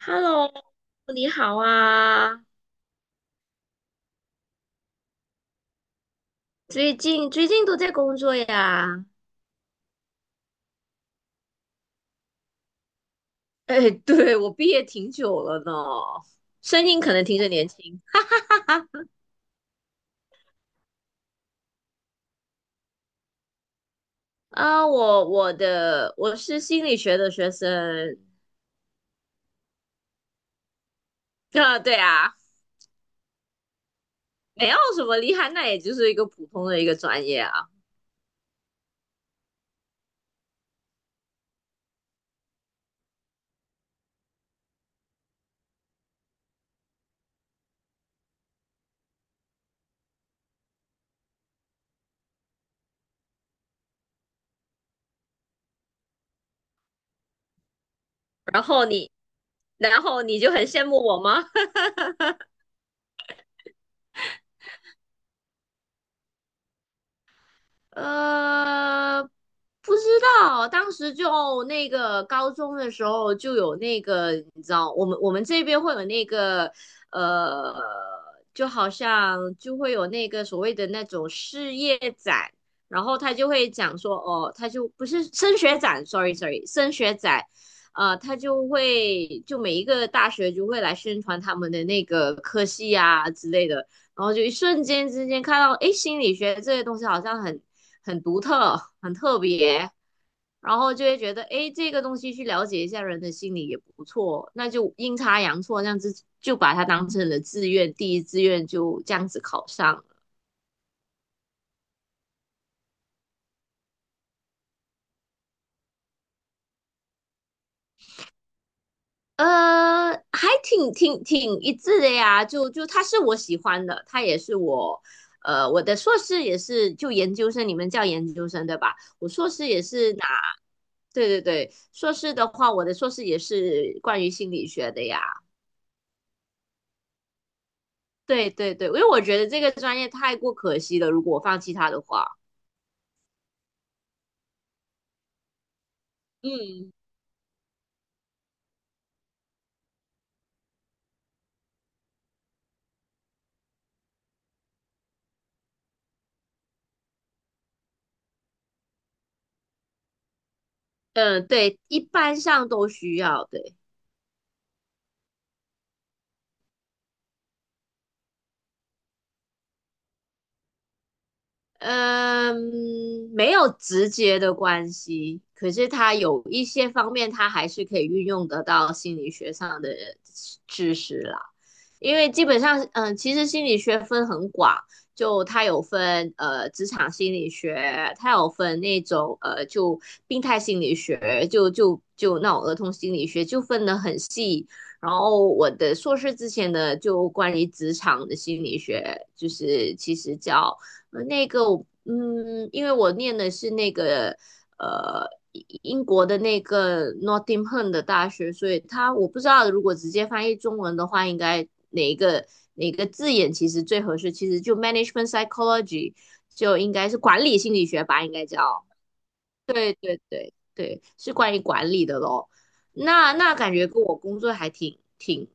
Hello，你好啊！最近都在工作呀？哎，对，我毕业挺久了呢，声音可能听着年轻。 啊。我是心理学的学生。啊，对啊，没有什么厉害，那也就是一个普通的一个专业啊。然后你，然后你就很羡慕我吗？呃，不知道，当时就那个高中的时候就有那个，你知道，我们这边会有那个，呃，就好像就会有那个所谓的那种事业展。然后他就会讲说，哦，他就不是升学展，sorry，升学展。他就会每一个大学就会来宣传他们的那个科系啊之类的。然后就一瞬间之间看到，诶，心理学这些东西好像很独特、很特别。然后就会觉得，诶，这个东西去了解一下人的心理也不错，那就阴差阳错这样子就把它当成了志愿，第一志愿就这样子考上了。还挺一致的呀，就他是我喜欢的，他也是我，我的硕士也是就研究生，你们叫研究生对吧？我硕士也是拿。对对对，硕士的话，我的硕士也是关于心理学的呀。对对对，因为我觉得这个专业太过可惜了，如果我放弃它的话。嗯，嗯，对，一般上都需要，对。嗯，没有直接的关系，可是它有一些方面，它还是可以运用得到心理学上的知识啦。因为基本上，嗯，其实心理学分很广，就它有分职场心理学，它有分那种就病态心理学，就那种儿童心理学，就分得很细。然后我的硕士之前呢，就关于职场的心理学，就是其实叫。那个我，因为我念的是那个呃英国的那个 Nottingham 的大学，所以它我不知道如果直接翻译中文的话，应该哪一个字眼其实最合适？其实就 management psychology 就应该是管理心理学吧，应该叫。对对对对，是关于管理的咯。那感觉跟我工作还挺挺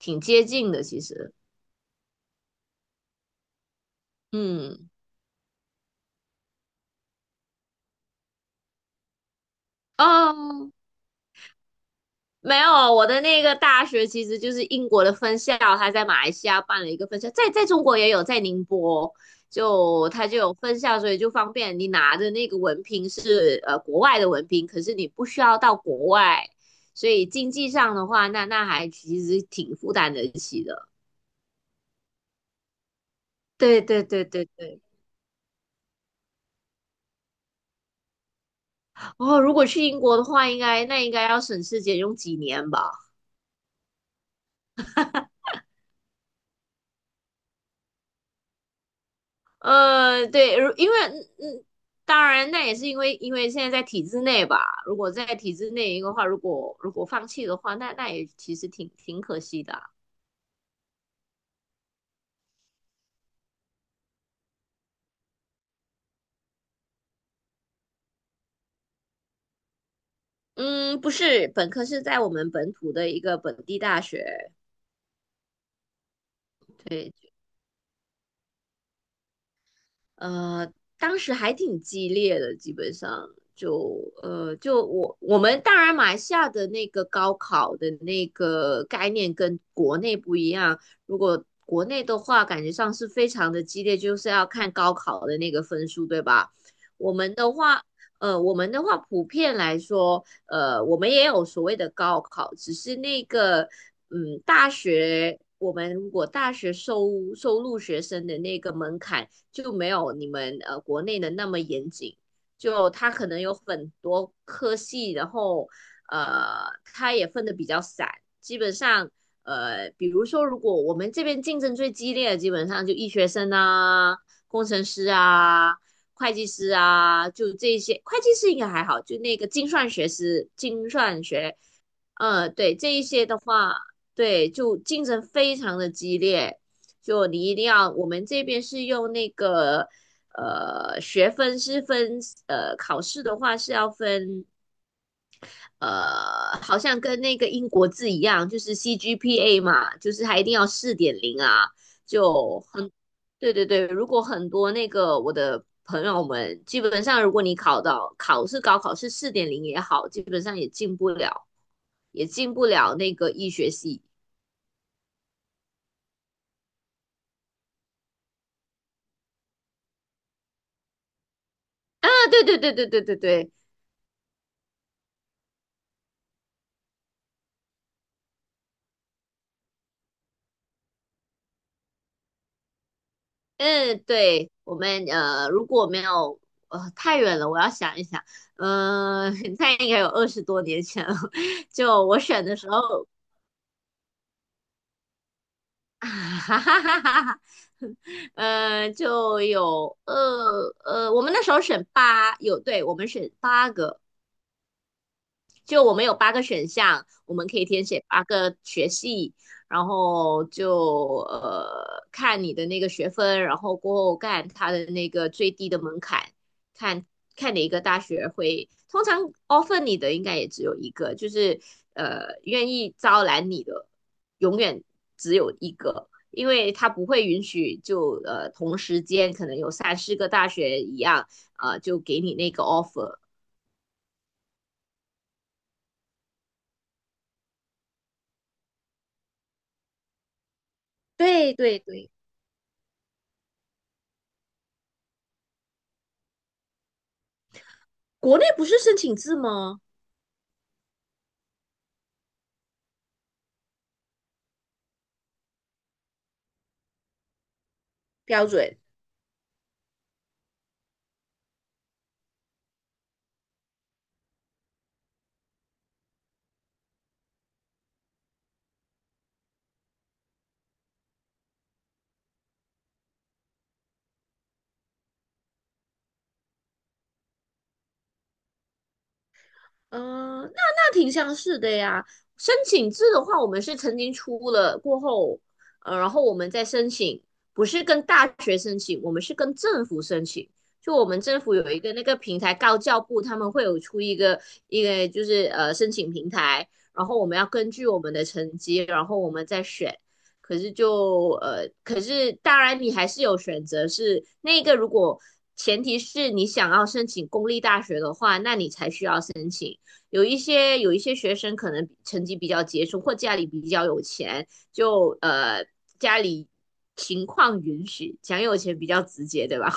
挺接近的，其实。嗯，哦，没有，我的那个大学其实就是英国的分校，他在马来西亚办了一个分校，在中国也有，在宁波。就他就有分校，所以就方便你拿的那个文凭是国外的文凭，可是你不需要到国外，所以经济上的话，那还其实挺负担得起的。对对对对对，哦，如果去英国的话，应该那应该要省吃俭用几年吧。对，因为，当然那也是因为现在在体制内吧。如果在体制内的话，如果放弃的话，那也其实挺可惜的啊。嗯，不是，本科是在我们本土的一个本地大学。对，呃，当时还挺激烈的，基本上就呃，就我我们当然马来西亚的那个高考的那个概念跟国内不一样。如果国内的话，感觉上是非常的激烈，就是要看高考的那个分数，对吧？我们的话，我们的话普遍来说，我们也有所谓的高考，只是那个，嗯，大学。我们如果大学收录学生的那个门槛就没有你们国内的那么严谨，就他可能有很多科系，然后他也分的比较散。基本上比如说如果我们这边竞争最激烈的，基本上就医学生啊、工程师啊。会计师啊，就这些。会计师应该还好，就那个精算学师、精算学。对，这一些的话，对，就竞争非常的激烈，就你一定要，我们这边是用那个学分是分，考试的话是要分，好像跟那个英国字一样，就是 CGPA 嘛，就是还一定要四点零啊，就很。对对对，如果很多那个我的朋友们，基本上如果你考到考试高考是四点零也好，基本上也进不了。也进不了那个医学系啊。对对对对对对对。嗯，对，我们如果没有，太远了，我要想一想。嗯、呃那应该有20多年前了。就我选的时候。啊哈哈哈哈哈。就有，我们那时候选八，有，对，我们选八个。就我们有八个选项，我们可以填写八个学系，然后就看你的那个学分，然后过后看它的那个最低的门槛，看看哪一个大学会。通常 offer 你的应该也只有一个，就是愿意招揽你的永远只有一个，因为他不会允许就同时间可能有三四个大学一样，啊就给你那个 offer。对对对，国内不是申请制吗？标准。嗯，那挺像是的呀。申请制的话，我们是曾经出了过后，然后我们再申请，不是跟大学申请，我们是跟政府申请。就我们政府有一个那个平台，高教部他们会有出一个就是申请平台，然后我们要根据我们的成绩，然后我们再选。可是当然你还是有选择是，那个如果前提是你想要申请公立大学的话，那你才需要申请。有一些学生可能成绩比较杰出，或家里比较有钱，家里情况允许，讲有钱比较直接，对吧？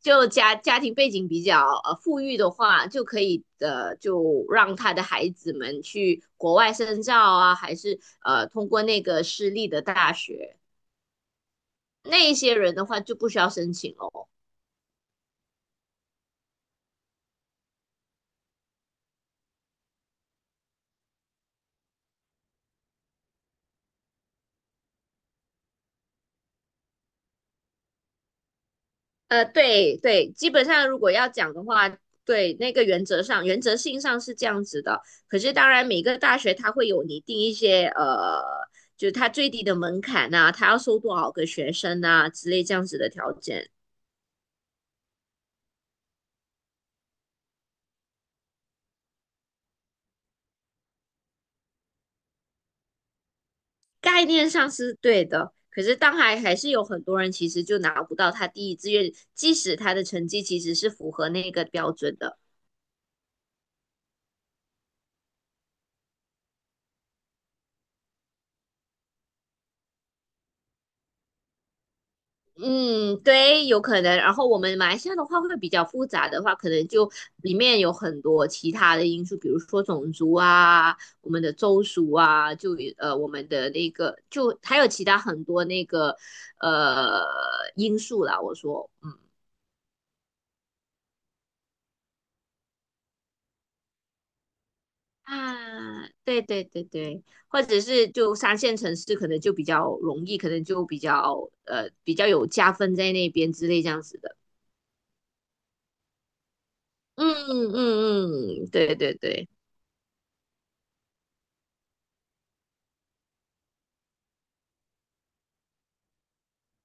就家庭背景比较富裕的话，就可以就让他的孩子们去国外深造啊，还是通过那个私立的大学。那一些人的话就不需要申请哦。对对，基本上如果要讲的话，对那个原则上、原则性上是这样子的。可是当然，每个大学它会有拟定一些，就是它最低的门槛啊，它要收多少个学生啊之类这样子的条件。概念上是对的，可是当还是有很多人其实就拿不到他第一志愿，即使他的成绩其实是符合那个标准的。嗯，对，有可能。然后我们马来西亚的话会比较复杂的话，可能就里面有很多其他的因素，比如说种族啊，我们的州属啊，就我们的那个，就还有其他很多那个呃因素啦。我说，嗯。啊，对对对对，或者是就三线城市可能就比较容易，可能就比较比较有加分在那边之类这样子的。嗯嗯嗯，嗯对对对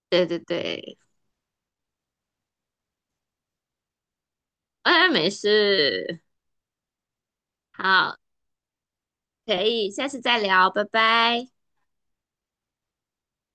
对对对。哎，没事。好，可以，下次再聊，拜拜。